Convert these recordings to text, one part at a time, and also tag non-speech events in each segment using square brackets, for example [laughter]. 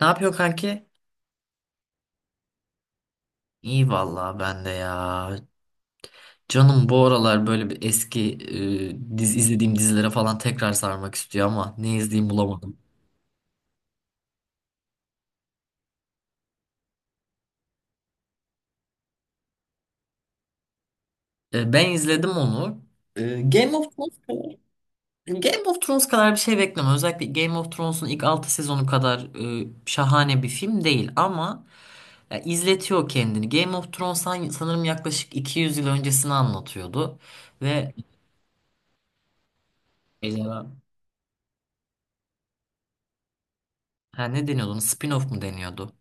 Ne yapıyor kanki? İyi vallahi ben de ya. Canım bu aralar böyle bir eski e, diz izlediğim dizilere falan tekrar sarmak istiyor ama ne izleyeyim bulamadım. Ben izledim onu. Game of Thrones kadar. Game of Thrones kadar bir şey bekleme. Özellikle Game of Thrones'un ilk 6 sezonu kadar şahane bir film değil ama ya, izletiyor kendini. Game of Thrones sanırım yaklaşık 200 yıl öncesini anlatıyordu ve e, ha, ne deniyordu ona? Spin-off mu deniyordu?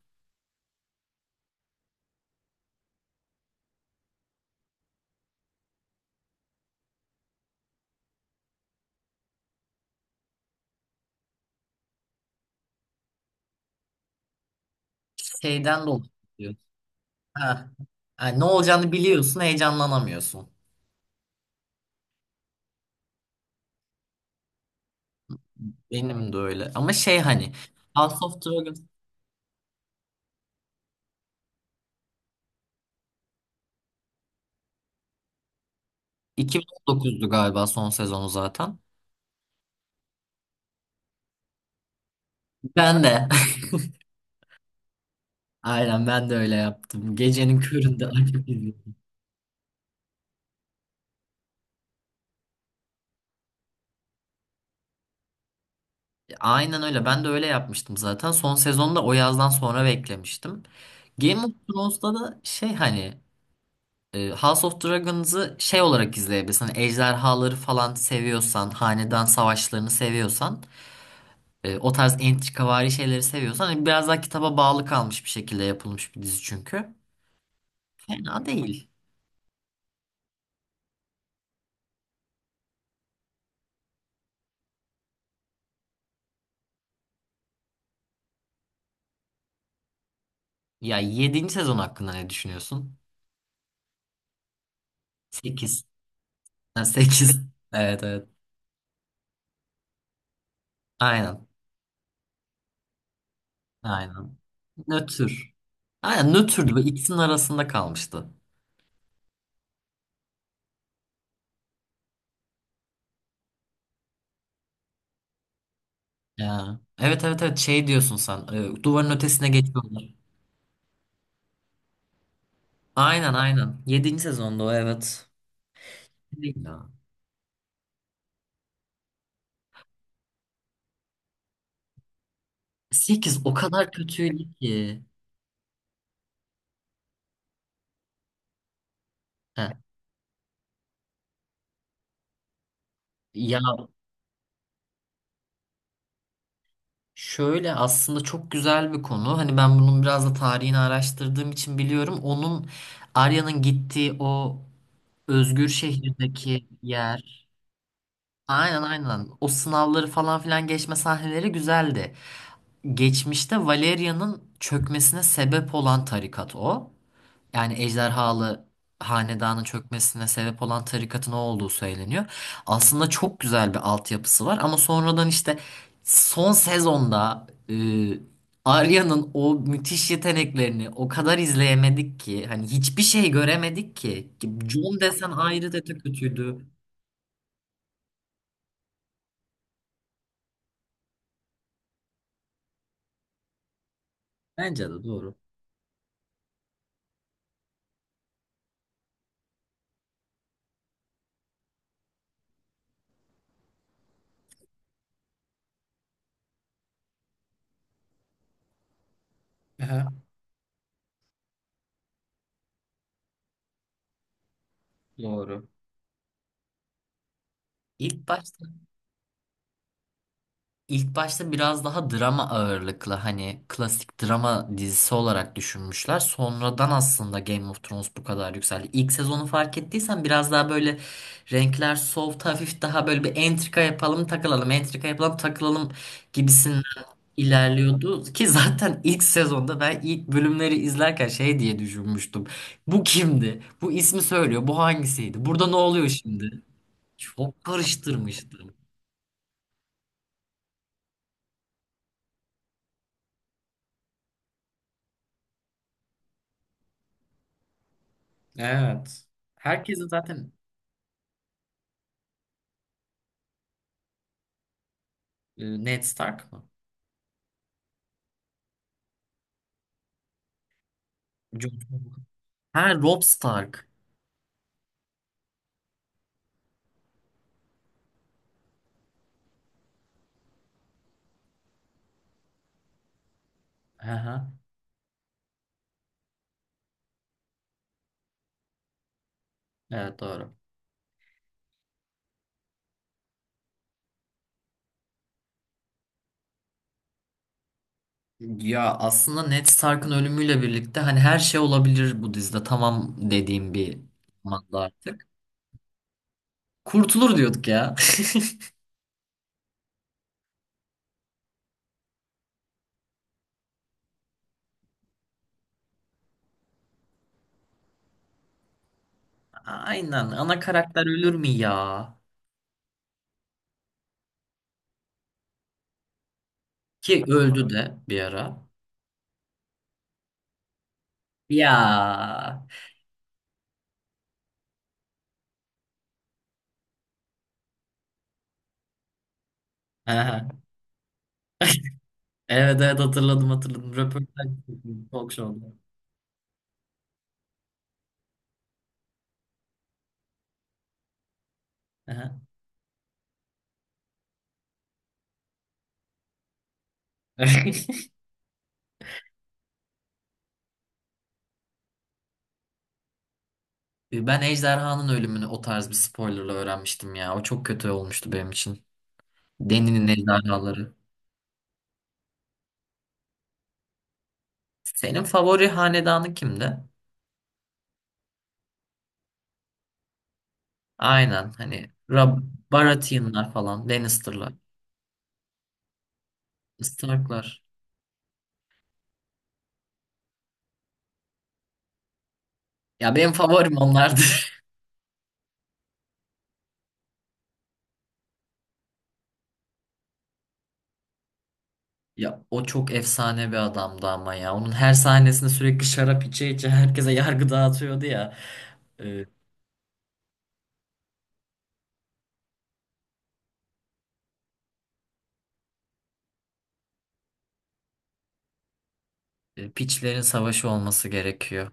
Şeyden dolayı. Ha. Yani ne olacağını biliyorsun, heyecanlanamıyorsun. Benim de öyle. Ama şey hani House of Dragons 2019'du galiba son sezonu zaten. Ben de. [laughs] Aynen ben de öyle yaptım. Gecenin köründe [laughs] açıp izledim. Aynen öyle. Ben de öyle yapmıştım zaten. Son sezonda o yazdan sonra beklemiştim. Game of Thrones'ta da şey hani House of Dragons'ı şey olarak izleyebilirsin. Hani ejderhaları falan seviyorsan, hanedan savaşlarını seviyorsan, o tarz entrikavari şeyleri seviyorsan hani biraz daha kitaba bağlı kalmış bir şekilde yapılmış bir dizi çünkü. Fena değil. Ya, 7. sezon hakkında ne düşünüyorsun? Sekiz. Sekiz. [laughs] Evet, evet. Aynen. Aynen. Nötr. Aynen nötrdü. Böyle ikisinin arasında kalmıştı. Ya. Evet, evet, evet, şey diyorsun sen. Duvarın ötesine geçiyorlar. Aynen, aynen. 7. sezonda o, evet. Değil ya. 8 o kadar kötüydü ki. Heh. Ya, şöyle aslında çok güzel bir konu. Hani ben bunun biraz da tarihini araştırdığım için biliyorum. Onun, Arya'nın gittiği o özgür şehirdeki yer. Aynen, aynen. O sınavları falan filan geçme sahneleri güzeldi. Geçmişte Valeria'nın çökmesine sebep olan tarikat o. Yani ejderhalı hanedanın çökmesine sebep olan tarikatın o olduğu söyleniyor. Aslında çok güzel bir altyapısı var ama sonradan işte son sezonda Arya'nın o müthiş yeteneklerini o kadar izleyemedik ki hani hiçbir şey göremedik ki. Jon desen ayrı da kötüydü. Bence de doğru. Aha. Doğru. İlk başta İlk başta biraz daha drama ağırlıklı hani klasik drama dizisi olarak düşünmüşler. Sonradan aslında Game of Thrones bu kadar yükseldi. İlk sezonu fark ettiysen biraz daha böyle renkler soft hafif, daha böyle bir entrika yapalım takılalım, entrika yapalım takılalım gibisinden ilerliyordu. Ki zaten ilk sezonda ben ilk bölümleri izlerken şey diye düşünmüştüm. Bu kimdi? Bu ismi söylüyor. Bu hangisiydi? Burada ne oluyor şimdi? Çok karıştırmıştım. Evet. Herkesin zaten... Ned Stark mı? Jon Snow. Ha, Robb Stark. Hı hı. Evet, doğru. Ya aslında Ned Stark'ın ölümüyle birlikte hani her şey olabilir bu dizide. Tamam dediğim bir zamanda artık. Kurtulur diyorduk ya. [laughs] Aynen. Ana karakter ölür mü ya? Ki öldü de bir ara. Ya. Hı hı. Evet, evet, hatırladım, hatırladım. Röportaj, talk show'da. Hı hı. [laughs] Ben ejderhanın ölümünü o tarz bir spoilerla öğrenmiştim ya. O çok kötü olmuştu benim için. Deni'nin ejderhaları. Senin favori hanedanın kimdi? Aynen, hani Baratheon'lar falan, Lannister'lar, Stark'lar. Ya benim favorim onlardı. [laughs] Ya o çok efsane bir adamdı ama ya. Onun her sahnesinde sürekli şarap içe içe herkese yargı dağıtıyordu ya. E, Piçlerin savaşı olması gerekiyor.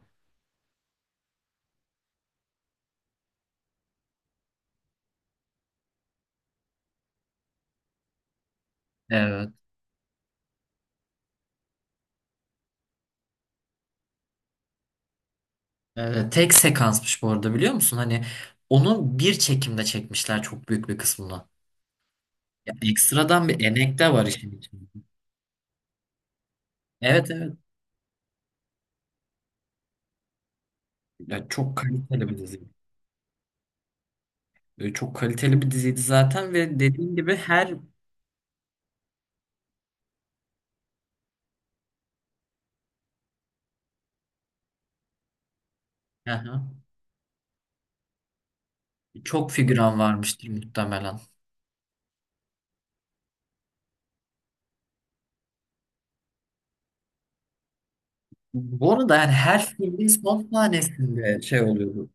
Evet. Evet, tek sekansmış bu arada, biliyor musun? Hani onu bir çekimde çekmişler, çok büyük bir kısmını. Ya ekstradan bir emek de var işin içinde. Evet, evet. Ya, çok kaliteli bir dizi. Böyle çok kaliteli bir diziydi zaten ve dediğim gibi her... Aha. Çok figüran varmıştır muhtemelen. Bu arada yani her filmin son sahnesinde şey oluyordu.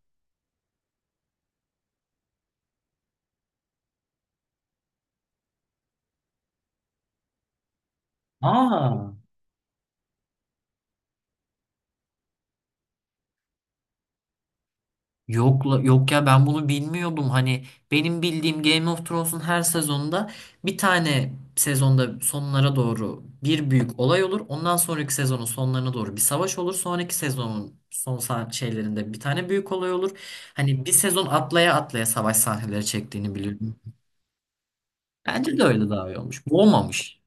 Aa. Yok, yok ya, ben bunu bilmiyordum. Hani benim bildiğim Game of Thrones'un her sezonunda, bir tane sezonda sonlara doğru bir büyük olay olur. Ondan sonraki sezonun sonlarına doğru bir savaş olur. Sonraki sezonun son şeylerinde bir tane büyük olay olur. Hani bir sezon atlaya atlaya savaş sahneleri çektiğini biliyorum. Bence de öyle daha iyi olmuş. Bu olmamış.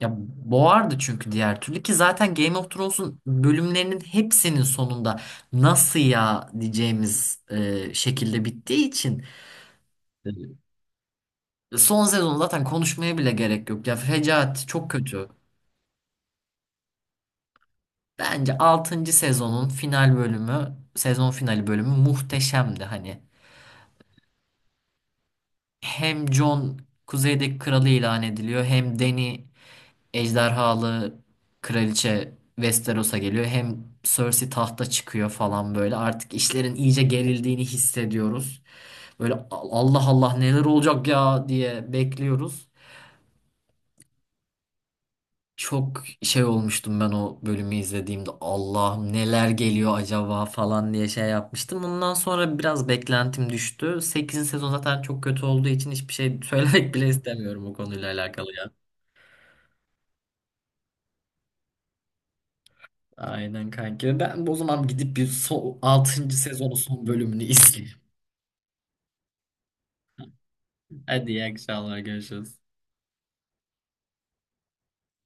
Ya boğardı çünkü diğer türlü, ki zaten Game of Thrones'un bölümlerinin hepsinin sonunda nasıl ya diyeceğimiz şekilde bittiği için, son sezonu zaten konuşmaya bile gerek yok. Ya fecaat, çok kötü. Bence altıncı sezonun final bölümü, sezon finali bölümü muhteşemdi hani. Hem Jon kuzeydeki kralı ilan ediliyor, hem Dany ejderhalı kraliçe Westeros'a geliyor. Hem Cersei tahta çıkıyor falan böyle. Artık işlerin iyice gerildiğini hissediyoruz. Böyle Allah Allah neler olacak ya diye bekliyoruz. Çok şey olmuştum ben o bölümü izlediğimde. Allah'ım neler geliyor acaba falan diye şey yapmıştım. Bundan sonra biraz beklentim düştü. Sekizinci sezon zaten çok kötü olduğu için hiçbir şey [laughs] söylemek bile istemiyorum bu konuyla alakalı. Aynen kanka. Ben o zaman gidip bir altıncı sezonun son bölümünü izleyeyim. [laughs] Hadi iyi akşamlar, görüşürüz.